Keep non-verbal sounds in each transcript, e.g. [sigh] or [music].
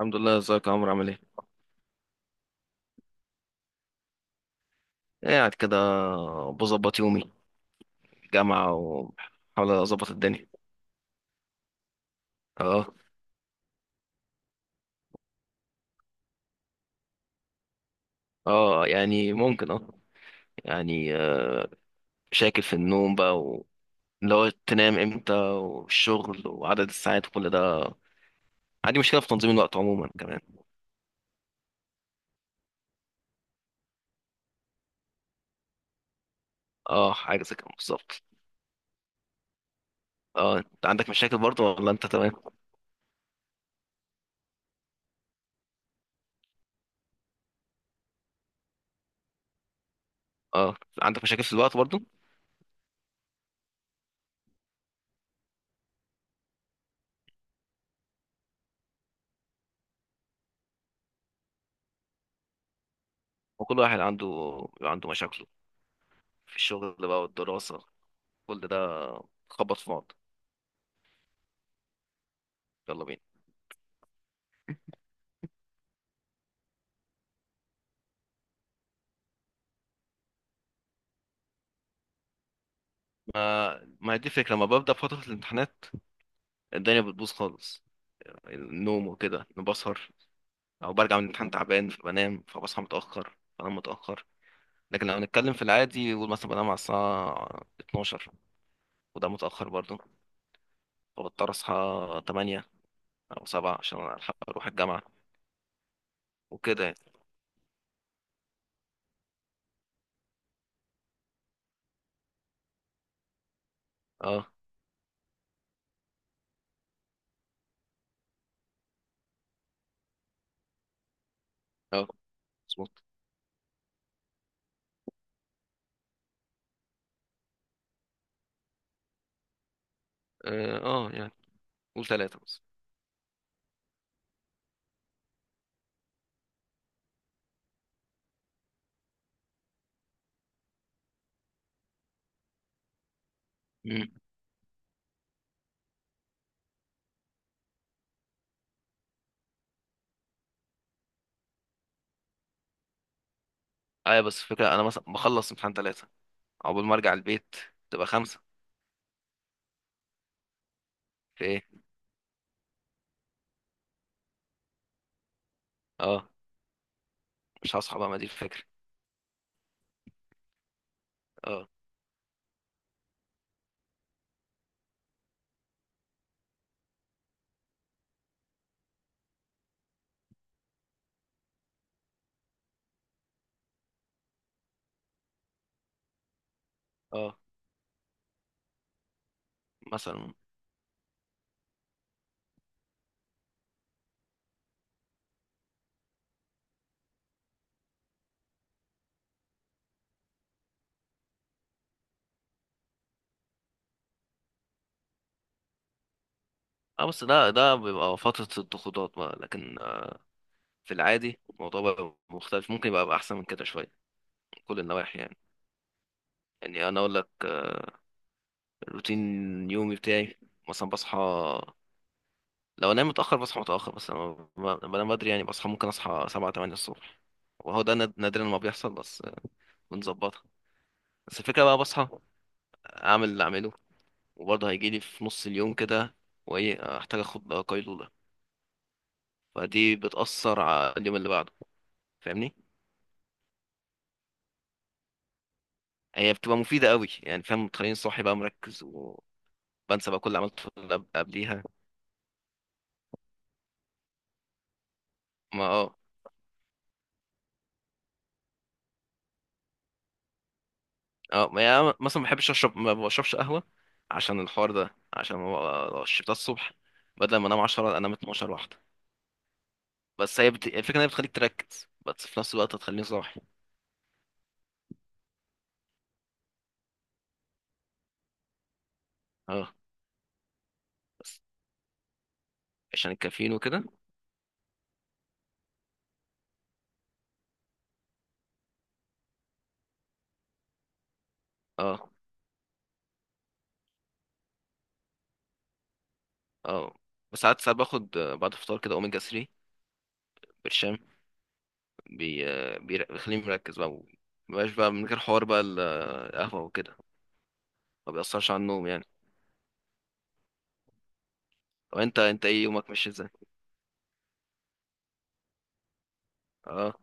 الحمد لله. ازيك يا عمرو؟ عامل ايه؟ قاعد كده بظبط يومي. جامعة وبحاول اظبط الدنيا. اه، اه، يعني ممكن اه. يعني شاكل في النوم بقى واللي هو تنام امتى والشغل وعدد الساعات وكل ده. عندي مشكلة في تنظيم الوقت عموما كمان. اه، حاجة زي كده بالظبط. اه، انت عندك مشاكل برضه ولا انت تمام؟ اه، عندك مشاكل في الوقت برضه. وكل واحد عنده بيبقى عنده مشاكله في الشغل بقى والدراسة، كل ده خبط في بعض. يلا بينا. ما هي دي الفكرة، لما ببدأ في فترة الامتحانات الدنيا بتبوظ خالص. النوم وكده أنا بسهر، أو برجع من الامتحان تعبان فبنام، فبصحى متأخر، بنام متأخر. لكن لو هنتكلم في العادي، قول مثلا بنام على الساعة 12، وده متأخر برضه، فبضطر أصحى 8 أو 7 عشان ألحق أروح الجامعة وكده يعني. أه، أه، مظبوط. أه، يعني قول تلاتة بس. مم. أيوة، بس الفكرة أنا مثلا بخلص امتحان تلاتة، عقبال ما أرجع البيت تبقى خمسة. في إيه؟ أه، مش هصحى بقى، ما دي الفكرة. اه، اه، مثلا، اه. بس ده بيبقى فترة الضغوطات بقى، لكن في العادي الموضوع بقى مختلف، ممكن يبقى احسن من كده شوية من كل النواحي يعني. يعني انا اقول لك، روتين يومي بتاعي مثلا بصحى. لو انام متأخر بصحى متأخر، بس لما بنام بدري يعني بصحى، ممكن اصحى سبعة تمانية الصبح، وهو ده نادرا ما بيحصل، بس بنظبطها. بس الفكرة بقى بصحى، اعمل اللي اعمله، وبرضه هيجيلي في نص اليوم كده، وايه احتاج اخد قيلولة. فدي بتأثر على اليوم اللي بعده. فاهمني، هي بتبقى مفيدة قوي يعني، فاهم، بتخليني صاحي بقى مركز، وبنسى بقى كل اللي عملته اللي قبليها. ما اه اه ما يعني مثلا ما بحبش اشرب، ما بشربش قهوة عشان الحوار ده، عشان ما لو شربتها الصبح بدل ما انام 10 انام 12 واحدة. بس هي الفكرة ان هي بتخليك تركز، بس في نفس الوقت هتخليني صاحي. اه، بس عشان الكافيين وكده. اه، اه، بس ساعات باخد، بعد الفطار كده اوميجا 3 برشام. بيخليني مركز بقى، مبقاش بقى من غير حوار بقى القهوة وكده. ما بيأثرش على النوم يعني. وانت، انت ايه، يومك ماشي ازاي؟ اه،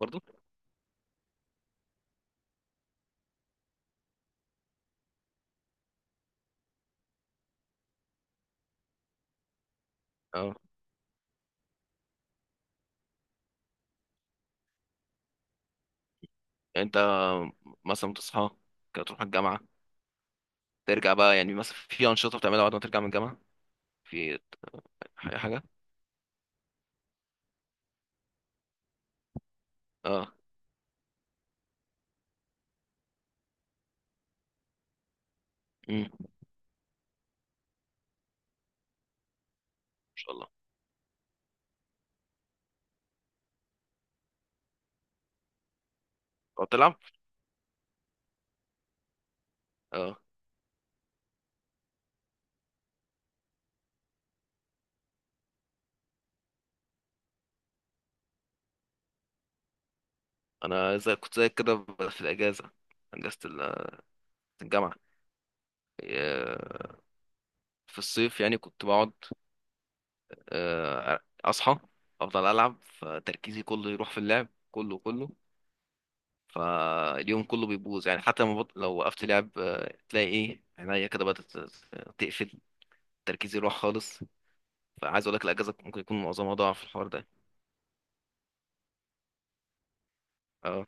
برضو، اه. يعني انت مثلا بتصحى كده تروح الجامعه، ترجع بقى، يعني مثلا في انشطه بتعملها بعد ما ترجع من الجامعه، في اي حاجه؟ اه. ان شاء الله. تقعد تلعب. اه، انا زي كنت زي كده في الاجازه، اجازه الجامعه. آه، في الصيف يعني كنت بقعد، آه، اصحى، افضل العب، فتركيزي كله يروح في اللعب كله كله. فاليوم كله بيبوظ يعني، حتى لما لو وقفت لعب، تلاقي ايه، عينيا كده بدأت تقفل، تركيزي يروح خالص. فعايز اقول لك الاجازه ممكن يكون معظمها ضاع في الحوار ده. اه،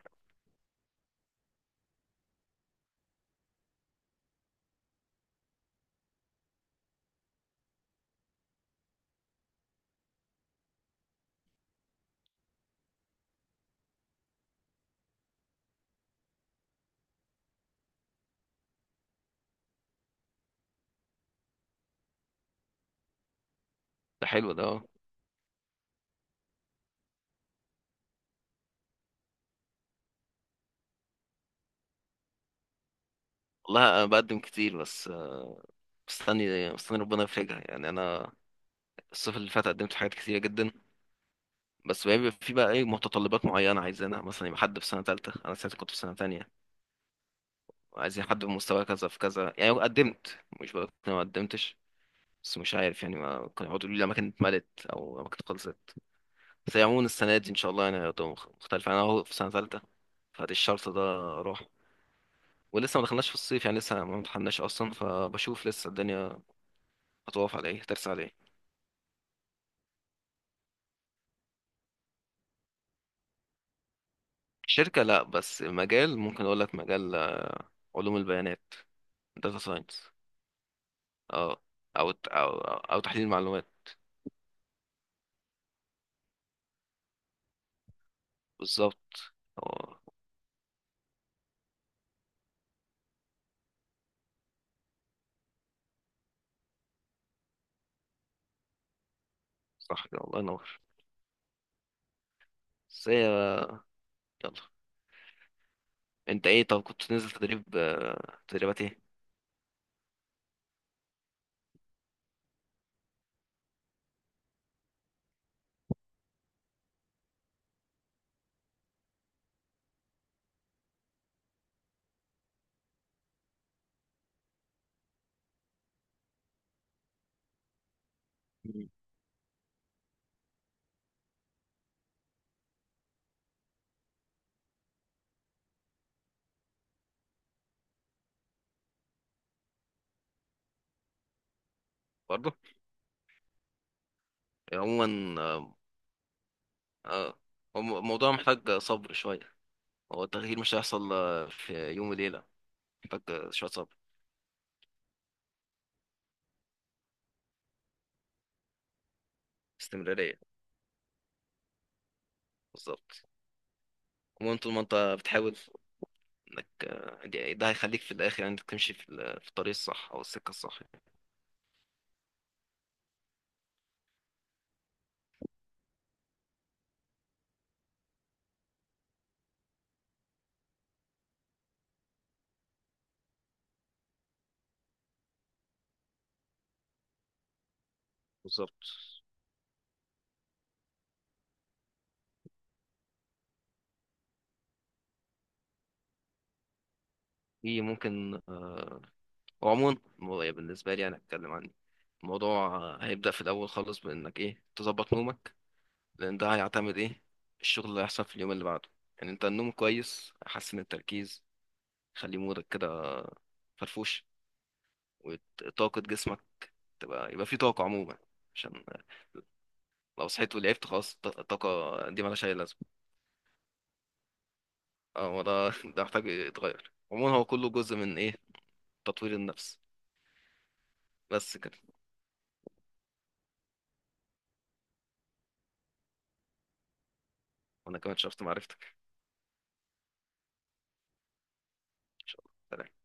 ده حلو ده، اه. والله انا بقدم كتير، بس مستني مستني ربنا يفرجها يعني. انا الصيف اللي فات قدمت في حاجات كتيره جدا، بس بيبقى في بقى ايه، متطلبات معينه عايزينها، مثلا يبقى حد في سنه ثالثه، انا ساعتها كنت في سنه ثانيه. عايزين حد بمستوى كذا في كذا يعني. قدمت، مش بقول إن أنا ما قدمتش، بس مش عارف يعني، ما كانوا يقعدوا يقولوا لي الأماكن اتملت أو الأماكن خلصت. بس هي عموما السنة دي إن شاء الله يعني هتبقى مختلفة، أنا أهو في سنة تالتة، فدي الشرط ده أروح. ولسه ما دخلناش في الصيف يعني، لسه ما امتحناش أصلا، فبشوف لسه الدنيا هتقف على إيه، هترسى على إيه. شركة لأ، بس مجال. ممكن أقول لك مجال علوم البيانات، داتا ساينس. أه. أو أو أو تحليل المعلومات. بالظبط. أه، صح كده، الله ينور. بس يلا، أنت إيه؟ طب كنت تنزل تدريب تدريبات إيه؟ مم. برضه. عموما، آه، هو الموضوع محتاج صبر شوية. هو التغيير مش هيحصل في يوم وليلة. محتاج شوية صبر. استمرارية. بالظبط. المهم طول ما انت بتحاول، انك، ده هيخليك في الآخر، يعني انت تمشي في في الطريق الصح أو السكة الصح يعني. بالظبط. دي ممكن وعموما بالنسبة لي أنا أتكلم عن الموضوع. هيبدأ في الأول خالص بإنك إيه تظبط نومك، لأن ده هيعتمد إيه، الشغل اللي هيحصل في اليوم اللي بعده. يعني أنت النوم كويس هيحسن التركيز، خلي مودك كده فرفوش، وطاقة جسمك تبقى، يبقى فيه طاقة عموما، عشان لو صحيت ولعبت خلاص الطاقة دي مالهاش أي لازمة. اه، هو ده [laughs] ده محتاج يتغير عموما، هو كله جزء من إيه، تطوير النفس، بس كده. وأنا كمان شفت معرفتك. إن شاء الله، سلام.